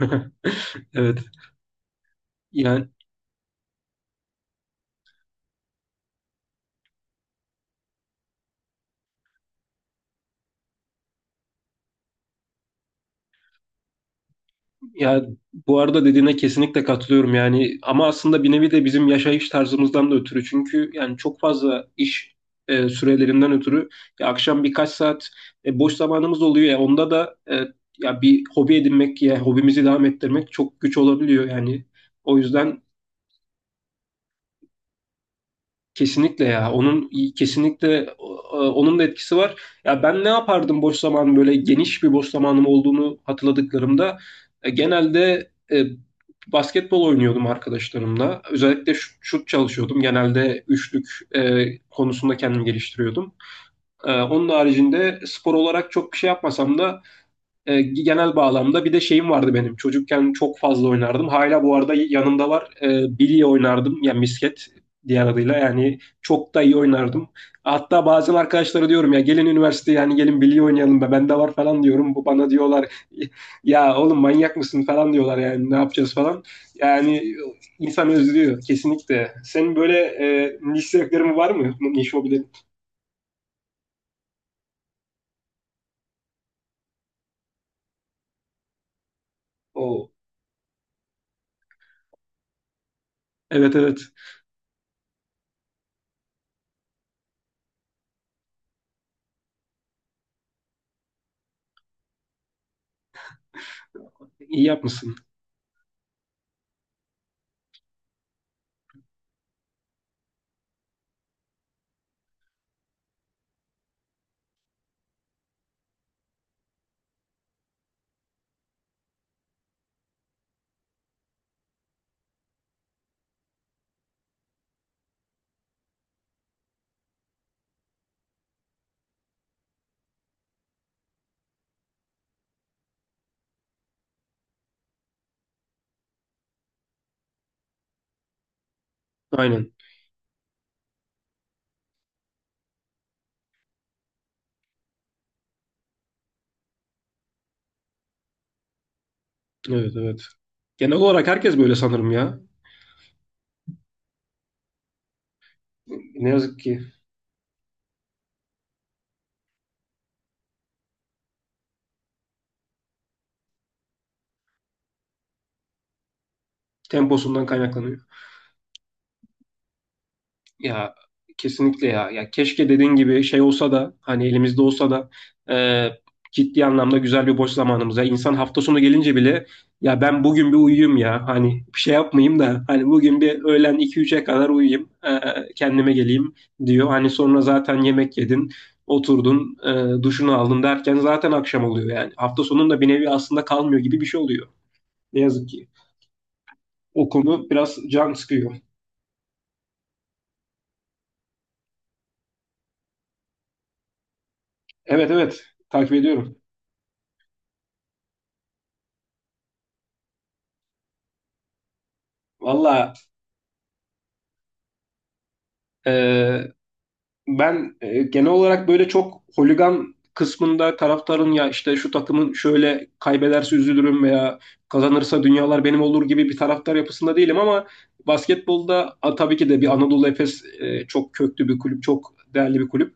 Evet. Yani ya bu arada dediğine kesinlikle katılıyorum yani, ama aslında bir nevi de bizim yaşayış tarzımızdan da ötürü, çünkü yani çok fazla iş sürelerinden ötürü ya akşam birkaç saat boş zamanımız oluyor, ya onda da ya bir hobi edinmek ya hobimizi devam ettirmek çok güç olabiliyor yani. O yüzden kesinlikle ya. Kesinlikle e, onun da etkisi var. Ya ben ne yapardım boş zaman, böyle geniş bir boş zamanım olduğunu hatırladıklarımda genelde basketbol oynuyordum arkadaşlarımla. Özellikle şut çalışıyordum. Genelde üçlük konusunda kendimi geliştiriyordum. Onun haricinde spor olarak çok bir şey yapmasam da genel bağlamda bir de şeyim vardı benim. Çocukken çok fazla oynardım. Hala bu arada yanımda var. Bilye oynardım. Yani misket diğer adıyla. Yani çok da iyi oynardım. Hatta bazen arkadaşlara diyorum, ya gelin üniversiteye, yani gelin bilye oynayalım, be bende var falan diyorum. Bu bana diyorlar, ya oğlum manyak mısın falan diyorlar, yani ne yapacağız falan. Yani insan özlüyor kesinlikle. Senin böyle niş zevklerin var mı? Niş hobilerin? Oo. Evet, evet. İyi yapmışsın. Aynen. Evet, evet. Genel olarak herkes böyle sanırım ya. Ne yazık ki temposundan kaynaklanıyor. Ya kesinlikle ya. Ya keşke dediğin gibi şey olsa da, hani elimizde olsa da e, ciddi anlamda güzel bir boş zamanımız. Ya insan hafta sonu gelince bile ya ben bugün bir uyuyayım ya. Hani bir şey yapmayayım da hani bugün bir öğlen iki üçe kadar uyuyayım, kendime geleyim diyor. Hani sonra zaten yemek yedin, oturdun, duşunu aldın derken zaten akşam oluyor yani. Hafta sonunda bir nevi aslında kalmıyor gibi bir şey oluyor. Ne yazık ki. O konu biraz can sıkıyor. Evet, evet, takip ediyorum. Valla, e, ben genel olarak böyle çok holigan kısmında taraftarın, ya işte şu takımın şöyle kaybederse üzülürüm veya kazanırsa dünyalar benim olur gibi bir taraftar yapısında değilim, ama basketbolda a, tabii ki de bir Anadolu Efes çok köklü bir kulüp, çok değerli bir kulüp.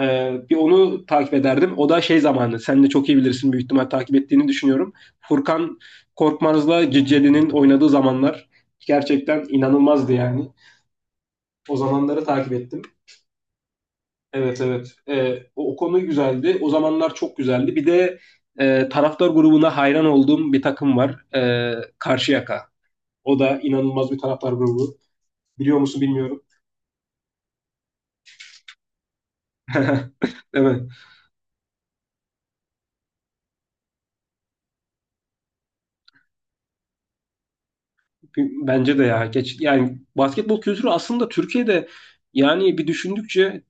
Bir onu takip ederdim. O da şey zamanı. Sen de çok iyi bilirsin, büyük ihtimal takip ettiğini düşünüyorum. Furkan Korkmaz'la Cicedi'nin oynadığı zamanlar gerçekten inanılmazdı yani. O zamanları takip ettim. Evet, evet. O, o konu güzeldi. O zamanlar çok güzeldi. Bir de taraftar grubuna hayran olduğum bir takım var. Karşıyaka. O da inanılmaz bir taraftar grubu. Biliyor musun bilmiyorum. Değil mi? Bence de ya. Geç, yani basketbol kültürü aslında Türkiye'de, yani bir düşündükçe,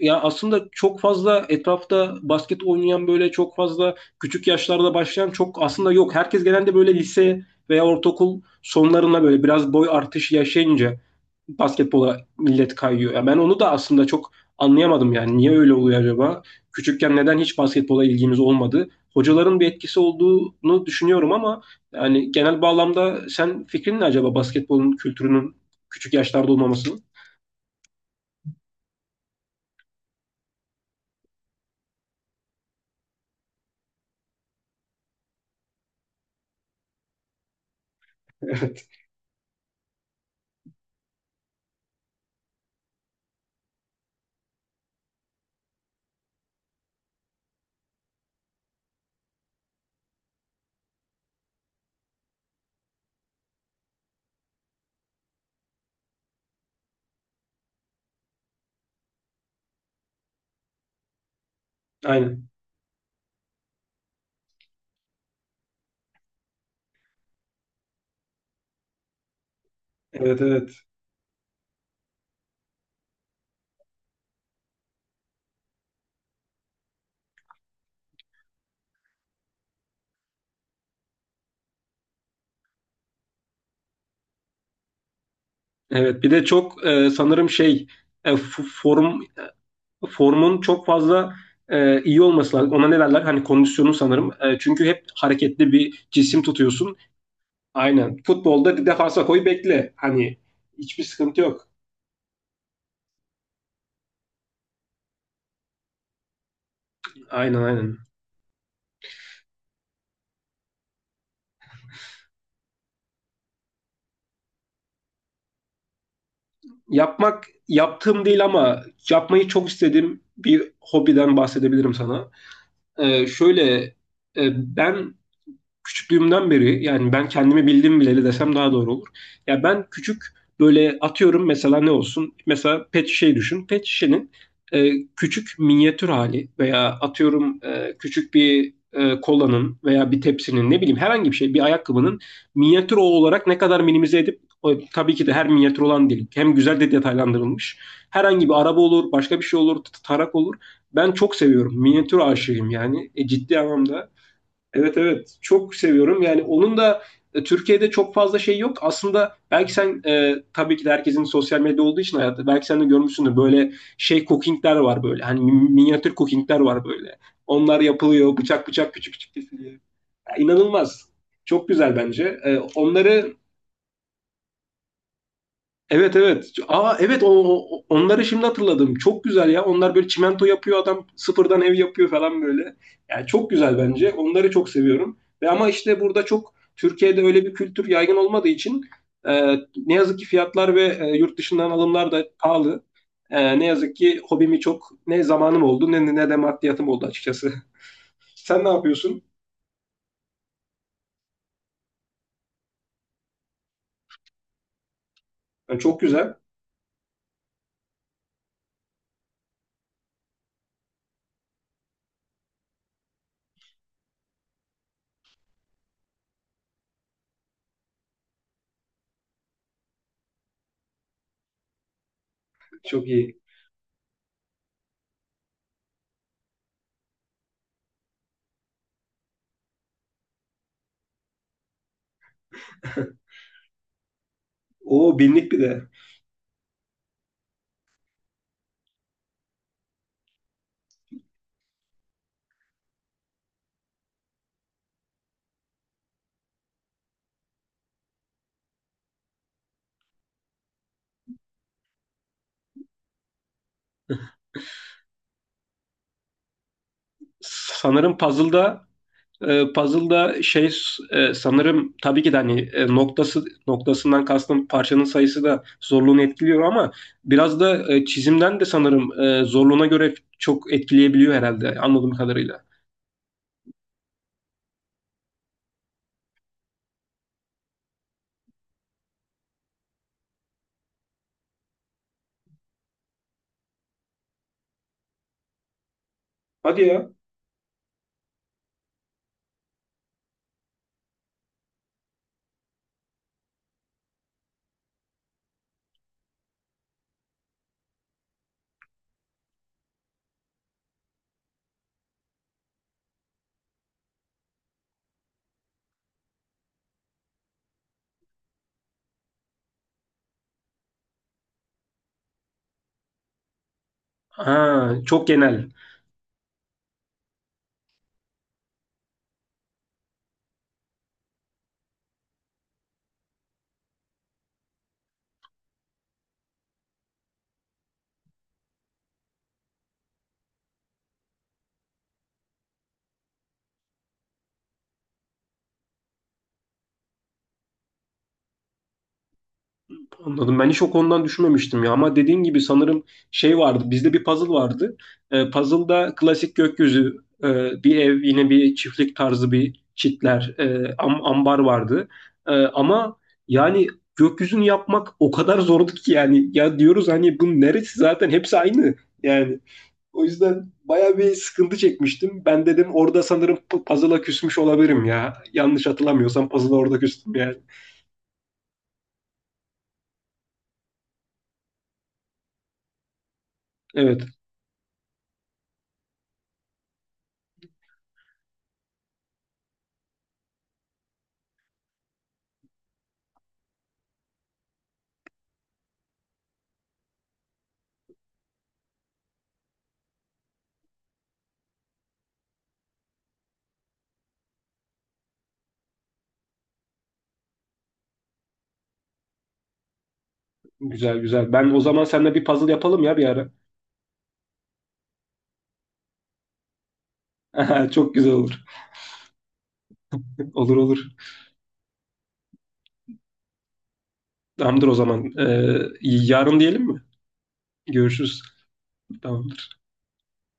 ya aslında çok fazla etrafta basket oynayan, böyle çok fazla küçük yaşlarda başlayan çok aslında yok. Herkes genelde böyle lise veya ortaokul sonlarına böyle biraz boy artışı yaşayınca basketbola millet kayıyor. Ya ben onu da aslında çok anlayamadım yani. Niye öyle oluyor acaba? Küçükken neden hiç basketbola ilgimiz olmadı? Hocaların bir etkisi olduğunu düşünüyorum ama yani genel bağlamda sen fikrin ne acaba basketbolun kültürünün küçük yaşlarda olmamasının? Evet. Aynen. Evet, evet. Evet, bir de çok sanırım e, f- form formun çok fazla iyi olması lazım. Ona ne derler? Hani kondisyonu sanırım. Çünkü hep hareketli bir cisim tutuyorsun. Aynen. Futbolda bir defansa koy bekle. Hani hiçbir sıkıntı yok. Aynen, aynen. Yapmak yaptığım değil ama yapmayı çok istediğim bir hobiden bahsedebilirim sana. E, şöyle Ben küçüklüğümden beri, yani ben kendimi bildim bileli desem daha doğru olur. Ya ben küçük, böyle atıyorum, mesela ne olsun? Mesela pet şişeyi düşün. Pet şişenin küçük minyatür hali, veya atıyorum küçük bir kolanın veya bir tepsinin, ne bileyim herhangi bir şey, bir ayakkabının minyatür o olarak ne kadar minimize edip o, tabii ki de her minyatür olan değil. Hem güzel de detaylandırılmış. Herhangi bir araba olur, başka bir şey olur, tarak olur. Ben çok seviyorum. Minyatür aşığıyım yani. Ciddi anlamda, evet evet, çok seviyorum. Yani onun da Türkiye'de çok fazla şey yok. Aslında belki sen tabii ki de herkesin sosyal medya olduğu için hayatta belki sen de görmüşsündür, böyle şey cookingler var böyle. Hani minyatür cookingler var böyle. Onlar yapılıyor, bıçak bıçak küçük küçük kesiliyor. Ya, inanılmaz. Çok güzel bence. Onları, evet evet. Aa evet, o, onları şimdi hatırladım. Çok güzel ya. Onlar böyle çimento yapıyor, adam sıfırdan ev yapıyor falan böyle. Yani çok güzel bence. Onları çok seviyorum. Ve ama işte burada çok Türkiye'de öyle bir kültür yaygın olmadığı için ne yazık ki fiyatlar ve yurt dışından alımlar da pahalı. Ne yazık ki hobimi çok ne zamanım oldu ne de maddiyatım oldu açıkçası. Sen ne yapıyorsun? Yani çok güzel. Çok iyi. O binlik bir de. Sanırım puzzle'da E, puzzle'da şey e, Sanırım tabii ki de hani noktası noktasından kastım parçanın sayısı da zorluğunu etkiliyor, ama biraz da çizimden de sanırım zorluğuna göre çok etkileyebiliyor herhalde, anladığım kadarıyla. Hadi ya. Ha, çok genel. Anladım. Ben hiç o konudan düşünmemiştim ya. Ama dediğin gibi sanırım şey vardı. Bizde bir puzzle vardı. Puzzle'da klasik gökyüzü, bir ev, yine bir çiftlik tarzı bir çitler, ambar vardı. Ama yani gökyüzünü yapmak o kadar zordu ki yani. Ya diyoruz hani bunun neresi, zaten hepsi aynı. Yani o yüzden baya bir sıkıntı çekmiştim. Ben dedim orada sanırım puzzle'a küsmüş olabilirim ya. Yanlış hatırlamıyorsam puzzle'a orada küstüm yani. Evet. Güzel, güzel. Ben o zaman seninle bir puzzle yapalım ya bir ara. Çok güzel olur. Olur, olur. Tamamdır o zaman. Yarın diyelim mi? Görüşürüz. Tamam.